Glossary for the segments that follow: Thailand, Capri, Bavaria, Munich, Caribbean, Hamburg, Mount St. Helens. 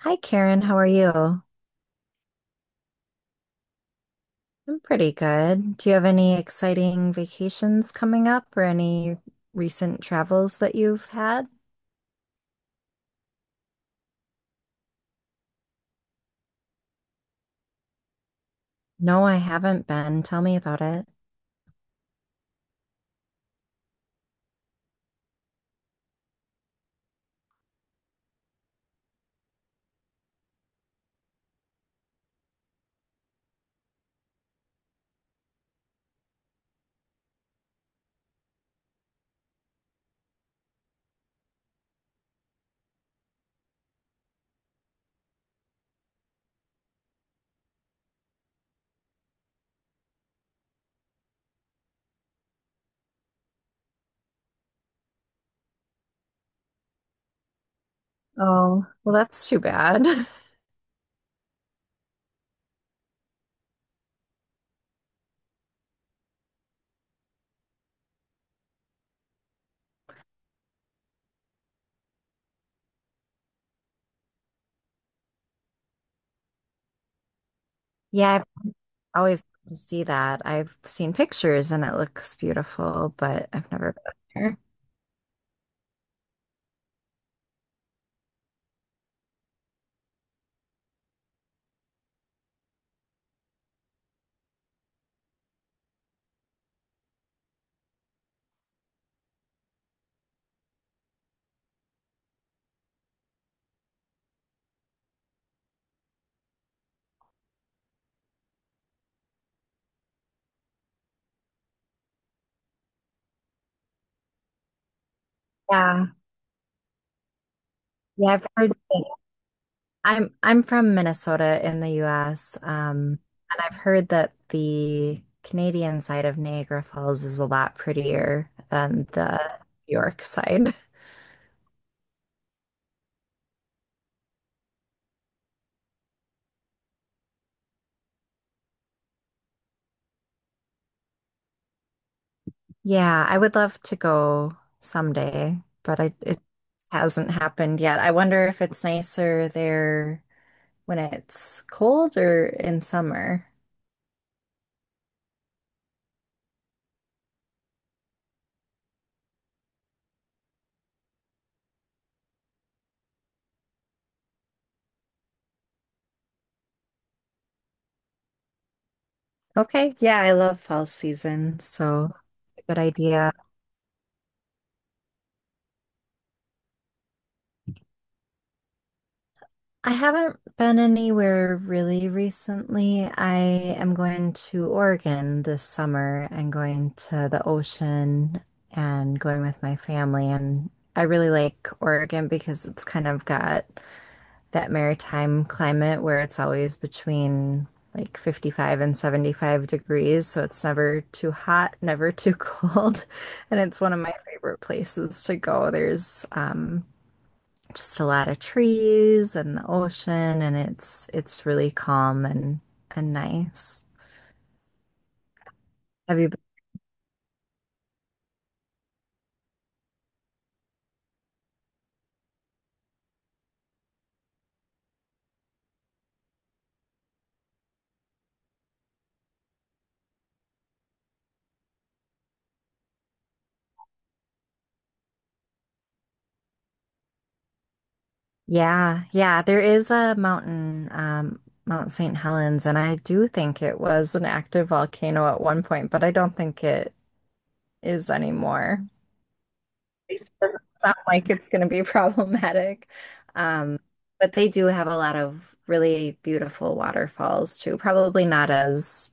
Hi, Karen. How are you? I'm pretty good. Do you have any exciting vacations coming up or any recent travels that you've had? No, I haven't been. Tell me about it. Oh, well, that's too bad. Yeah, I've always wanted to see that. I've seen pictures and it looks beautiful, but I've never been there. Yeah. Yeah, I've heard. I'm from Minnesota in the US, and I've heard that the Canadian side of Niagara Falls is a lot prettier than the New York side. Yeah, I would love to go someday, but I, it hasn't happened yet. I wonder if it's nicer there when it's cold or in summer? Okay, yeah, I love fall season, so it's a good idea. I haven't been anywhere really recently. I am going to Oregon this summer and going to the ocean and going with my family. And I really like Oregon because it's kind of got that maritime climate where it's always between like 55 and 75 degrees, so it's never too hot, never too cold. And it's one of my favorite places to go. There's just a lot of trees and the ocean, and it's really calm and nice. Have you been? Yeah, yeah, there is a mountain, Mount St. Helens, and I do think it was an active volcano at one point, but I don't think it is anymore. It not like it's going to be problematic. Um, but they do have a lot of really beautiful waterfalls too. Probably not as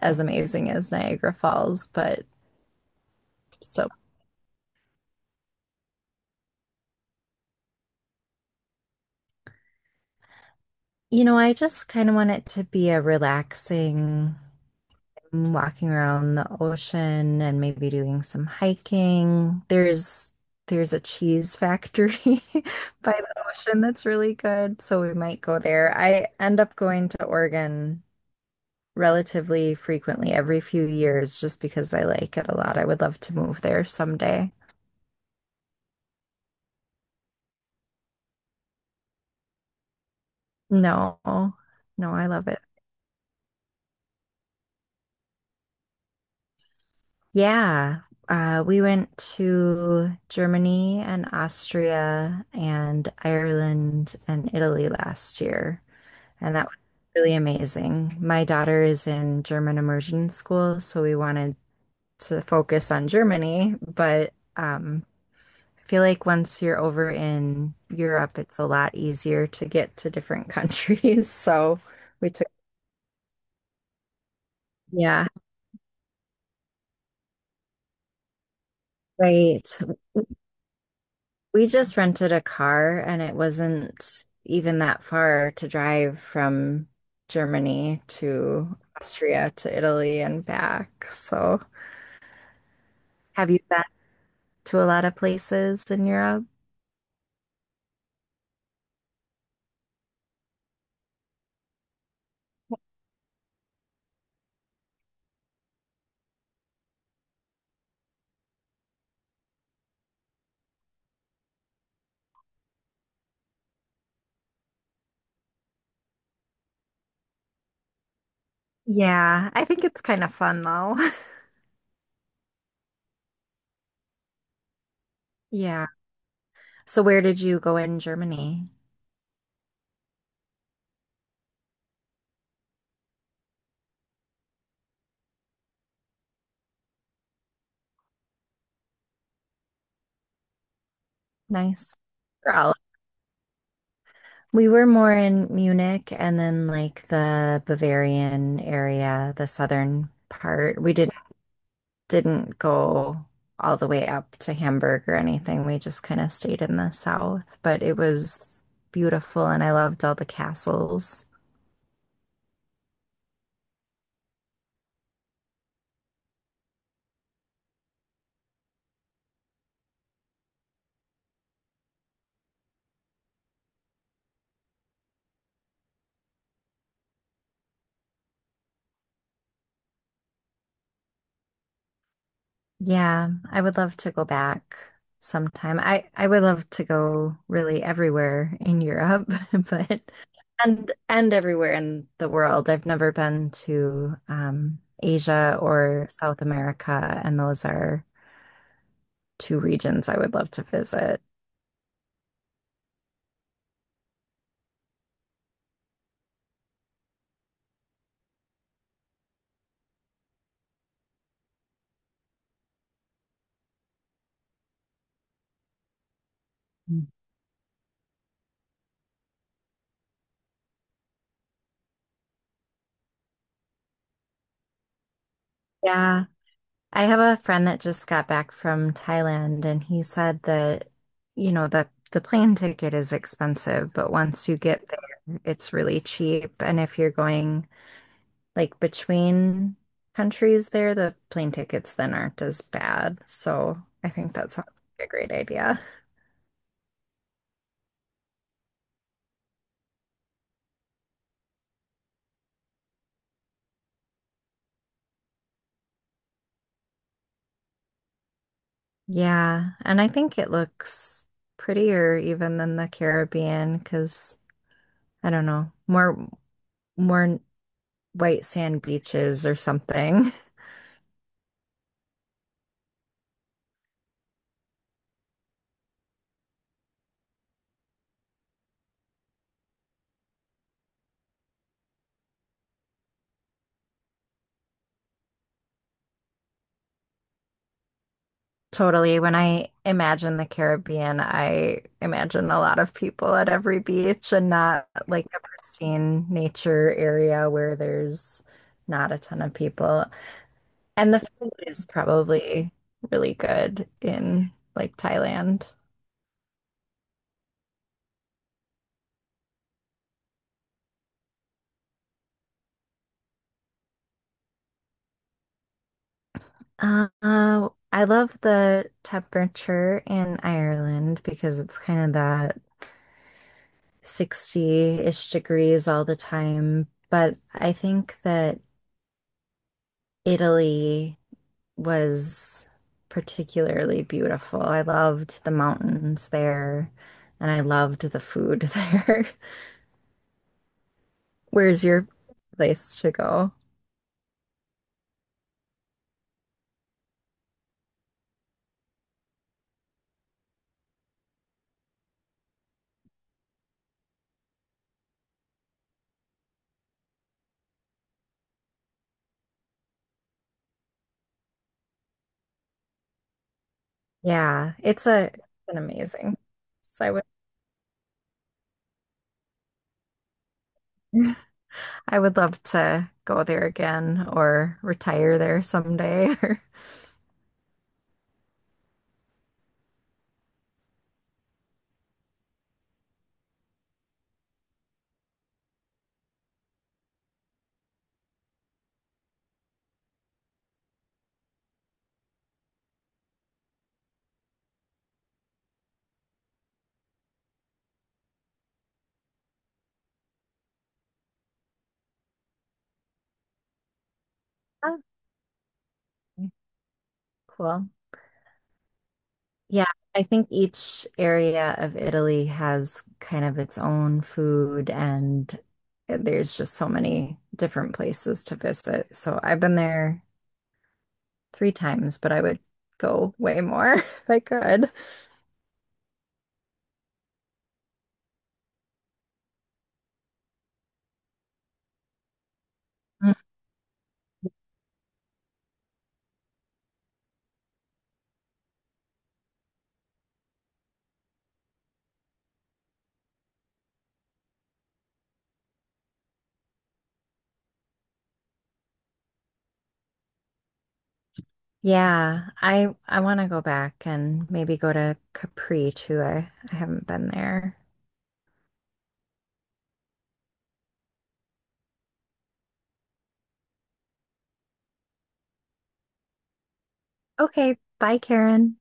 as amazing as Niagara Falls, but so I just kind of want it to be a relaxing mm, walking around the ocean and maybe doing some hiking. There's a cheese factory by the ocean that's really good, so we might go there. I end up going to Oregon relatively frequently every few years just because I like it a lot. I would love to move there someday. No, no, I love it. Yeah. We went to Germany and Austria and Ireland and Italy last year, and that was really amazing. My daughter is in German immersion school, so we wanted to focus on Germany, but I feel like once you're over in Europe, it's a lot easier to get to different countries. So we took, yeah, right. We just rented a car and it wasn't even that far to drive from Germany to Austria to Italy and back. So have you been to a lot of places in Europe? Yeah, I think it's kind of fun though. Yeah. So where did you go in Germany? Nice. They're all We were more in Munich and then like the Bavarian area, the southern part. We didn't go all the way up to Hamburg or anything. We just kind of stayed in the south, but it was beautiful and I loved all the castles. Yeah, I would love to go back sometime. I would love to go really everywhere in Europe, but and everywhere in the world. I've never been to Asia or South America, and those are two regions I would love to visit. Mm. Yeah. I have a friend that just got back from Thailand, and he said that, you know, the plane ticket is expensive, but once you get there, it's really cheap. And if you're going like between countries there, the plane tickets then aren't as bad. So I think that sounds like a great idea. Yeah, and I think it looks prettier even than the Caribbean because I don't know, more white sand beaches or something. Totally. When I imagine the Caribbean, I imagine a lot of people at every beach and not like a pristine nature area where there's not a ton of people. And the food is probably really good in like Thailand. I love the temperature in Ireland because it's kind of that 60-ish degrees all the time. But I think that Italy was particularly beautiful. I loved the mountains there and I loved the food there. Where's your place to go? Yeah, it's a it's an amazing. So I would I would love to go there again or retire there someday. Oh, cool. Yeah, I think each area of Italy has kind of its own food and there's just so many different places to visit. So I've been there three times, but I would go way more if I could. Yeah, I want to go back and maybe go to Capri too. I haven't been there. Okay, bye, Karen.